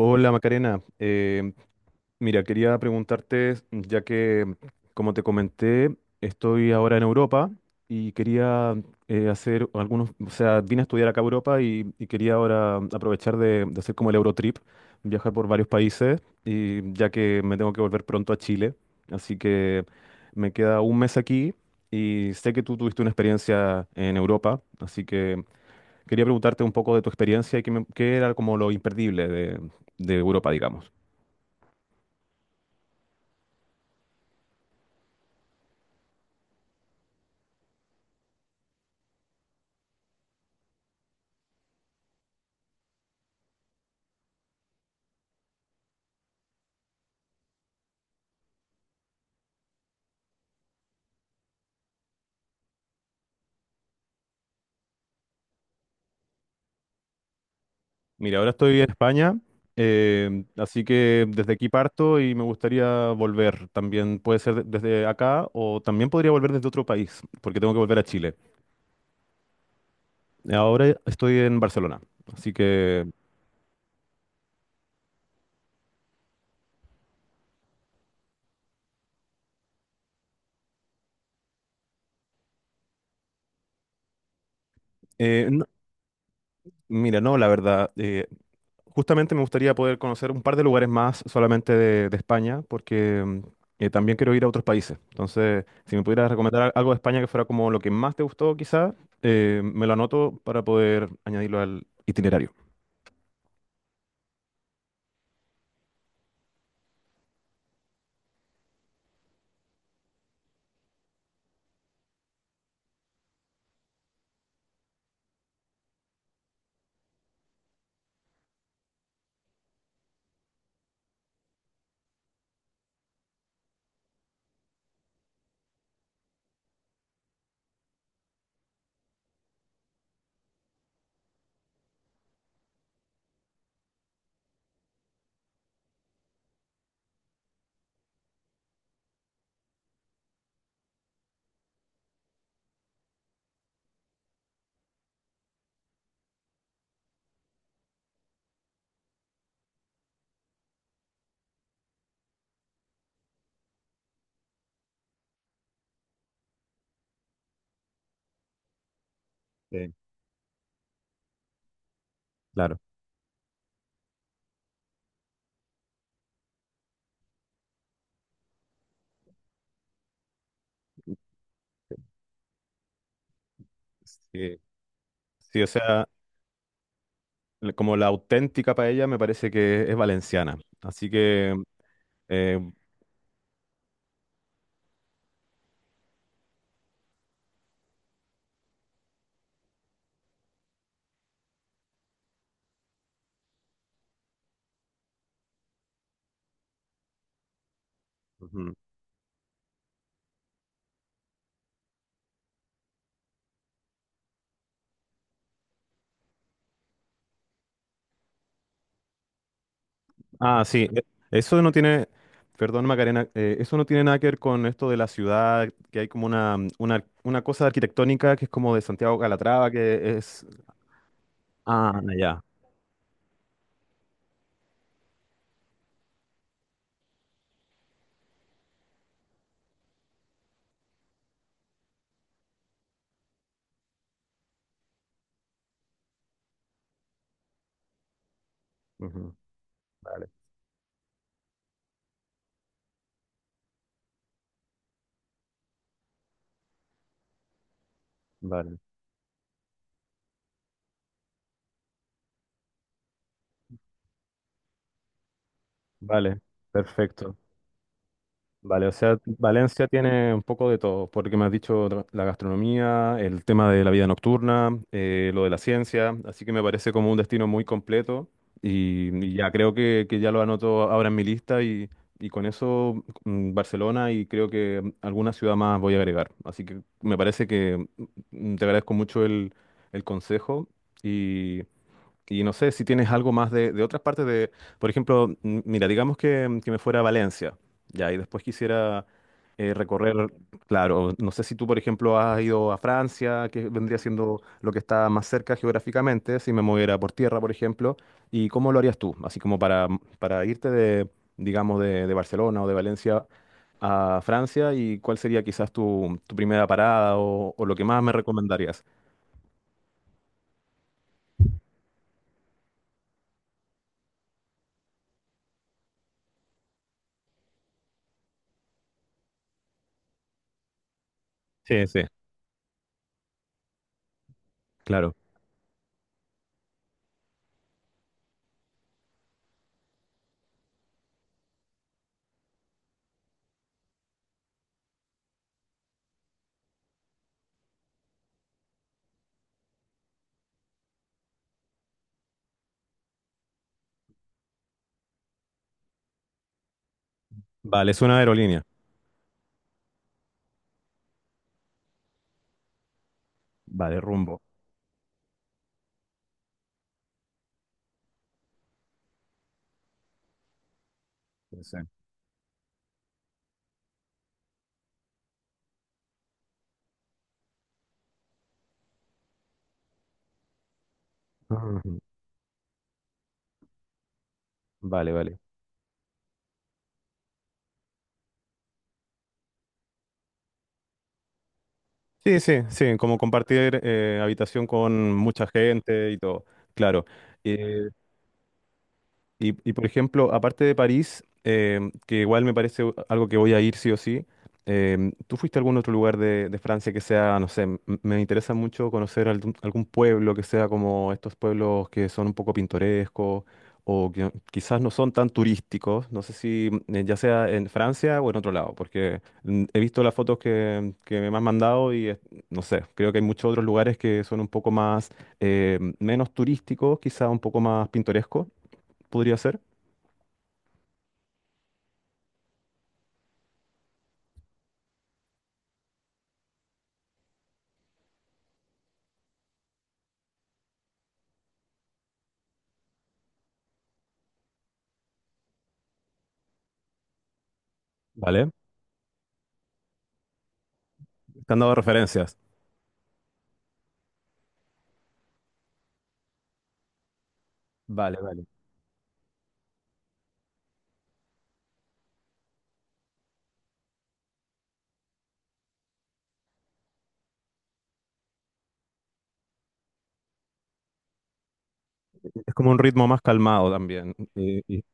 Hola Macarena, mira, quería preguntarte, ya que como te comenté, estoy ahora en Europa y quería hacer algunos, o sea, vine a estudiar acá a Europa y quería ahora aprovechar de hacer como el Eurotrip, viajar por varios países y ya que me tengo que volver pronto a Chile, así que me queda un mes aquí y sé que tú tuviste una experiencia en Europa, así que quería preguntarte un poco de tu experiencia y qué, qué era como lo imperdible de Europa, digamos. Mira, ahora estoy en España, así que desde aquí parto y me gustaría volver. También puede ser desde acá o también podría volver desde otro país, porque tengo que volver a Chile. Ahora estoy en Barcelona, así que. eh, no- Mira, no, la verdad. Justamente me gustaría poder conocer un par de lugares más solamente de España, porque también quiero ir a otros países. Entonces, si me pudieras recomendar algo de España que fuera como lo que más te gustó, quizás, me lo anoto para poder añadirlo al itinerario. Sí, claro. Sí. Sí, o sea, como la auténtica paella me parece que es valenciana. Así que eh, Ujú. Ah, sí, eso no tiene, perdón Macarena, eso no tiene nada que ver con esto de la ciudad, que hay como una cosa arquitectónica que es como de Santiago Calatrava, que es. Ah, ya. Ujú, vale, vale, vale, perfecto. Vale, o sea, Valencia tiene un poco de todo, porque me has dicho la gastronomía, el tema de la vida nocturna, lo de la ciencia, así que me parece como un destino muy completo y ya creo que ya lo anoto ahora en mi lista y con eso Barcelona y creo que alguna ciudad más voy a agregar. Así que me parece que te agradezco mucho el consejo y no sé si tienes algo más de otras partes de, por ejemplo, mira, digamos que, que me fuera a Valencia, ya, y después quisiera recorrer. Claro, no sé si tú, por ejemplo, has ido a Francia, que vendría siendo lo que está más cerca geográficamente, si me moviera por tierra, por ejemplo, y cómo lo harías tú, así como para irte de, digamos, de Barcelona o de Valencia a Francia, y cuál sería quizás tu primera parada o lo que más me recomendarías. Sí, sí, claro. Vale, es una aerolínea. Vale, rumbo. Sí, sí. Ujú. Vale, vale. Sí, sí, sí, como compartir habitación con mucha gente y todo. Claro. Eh, y, por ejemplo, aparte de París, que igual me parece algo que voy a ir sí o sí, ¿tú fuiste a algún otro lugar de Francia que sea, no sé, me interesa mucho conocer algún pueblo que sea como estos pueblos que son un poco pintorescos o que no, quizás no son tan turísticos? No sé si ya sea en Francia o en otro lado, porque he visto las fotos que me han mandado y no sé, creo que hay muchos otros lugares que son un poco más, menos turísticos, quizás un poco más pintorescos, podría ser. ¿Vale? Te han dado referencias. Vale, vale. Es como un ritmo más calmado también. Y- y-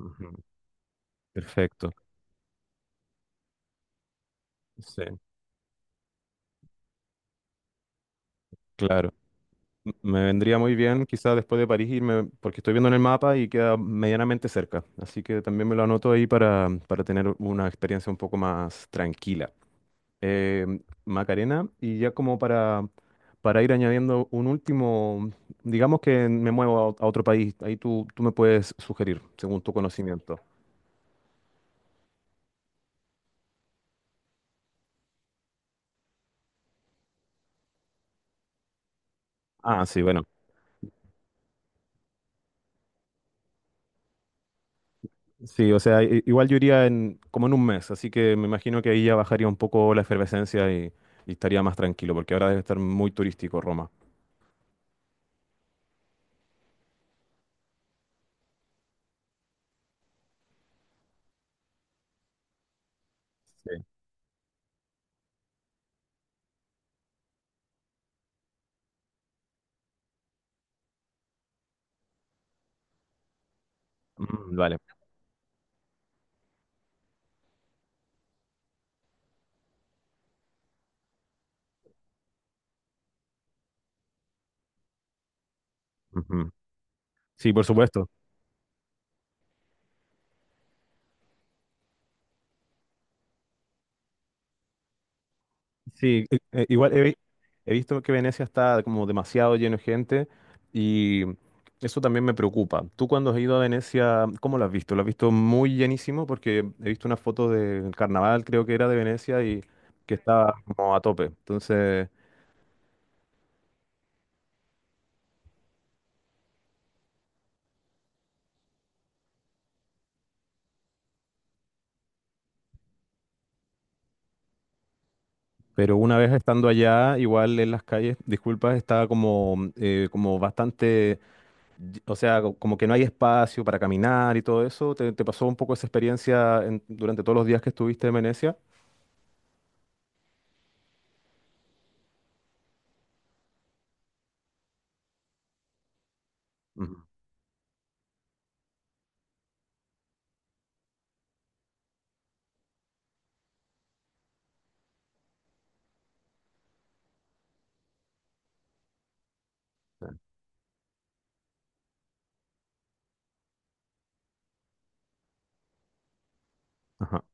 ujú, Perfecto. Sí, claro. Me vendría muy bien quizás después de París irme, porque estoy viendo en el mapa y queda medianamente cerca. Así que también me lo anoto ahí para tener una experiencia un poco más tranquila. Eh, Macarena, y ya como para ir añadiendo un último, digamos que me muevo a otro país, ahí tú me puedes sugerir, según tu conocimiento. Ah, sí, bueno. Sí, o sea, igual yo iría en, como en un mes, así que me imagino que ahí ya bajaría un poco la efervescencia y estaría más tranquilo, porque ahora debe estar muy turístico Roma. Sí. Mm, vale. Ujú. Sí, por supuesto. Sí, igual he visto que Venecia está como demasiado lleno de gente y eso también me preocupa. Tú cuando has ido a Venecia, ¿cómo lo has visto? ¿Lo has visto muy llenísimo? Porque he visto una foto del carnaval, creo que era de Venecia, y que estaba como a tope. Entonces. Pero una vez estando allá, igual en las calles, disculpas, estaba como, como bastante, o sea, como que no hay espacio para caminar y todo eso. ¿Te pasó un poco esa experiencia durante todos los días que estuviste en Venecia? Ujú. Ajá,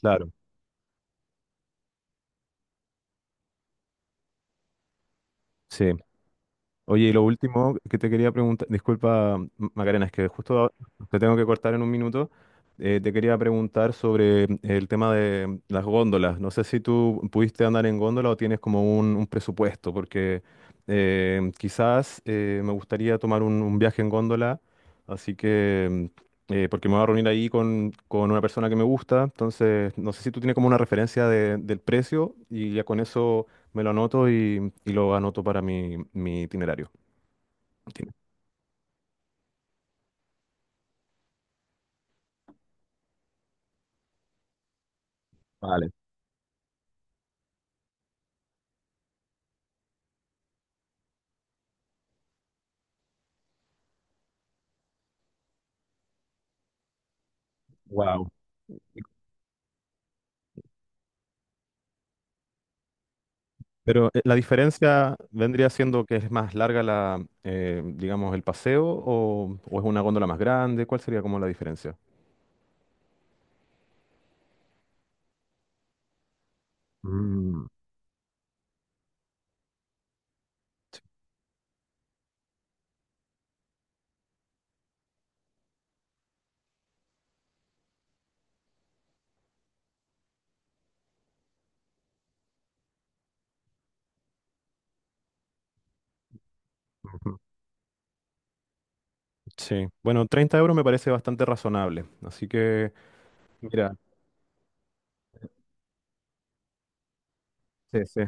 claro. Sí. Oye, y lo último que te quería preguntar, disculpa Macarena, es que justo ahora te tengo que cortar en un minuto. Te quería preguntar sobre el tema de las góndolas. No sé si tú pudiste andar en góndola o tienes como un presupuesto, porque quizás me gustaría tomar un viaje en góndola, así que, porque me voy a reunir ahí con una persona que me gusta, entonces no sé si tú tienes como una referencia del precio y ya con eso me lo anoto y lo anoto para mi itinerario. Itine- Vale, wow. Pero la diferencia vendría siendo que es más larga digamos, el paseo o es una góndola más grande. ¿Cuál sería como la diferencia? Mm, sí, ujú. Sí, bueno, 30 € me parece bastante razonable. Así que, mira, sí, sí.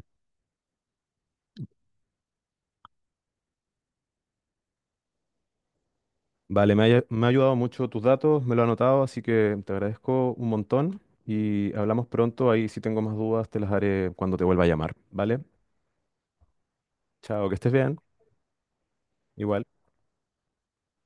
Vale, me ha ayudado mucho tus datos, me lo he anotado, así que te agradezco un montón y hablamos pronto. Ahí si tengo más dudas te las haré cuando te vuelva a llamar, ¿vale? Chao, que estés bien. Igual.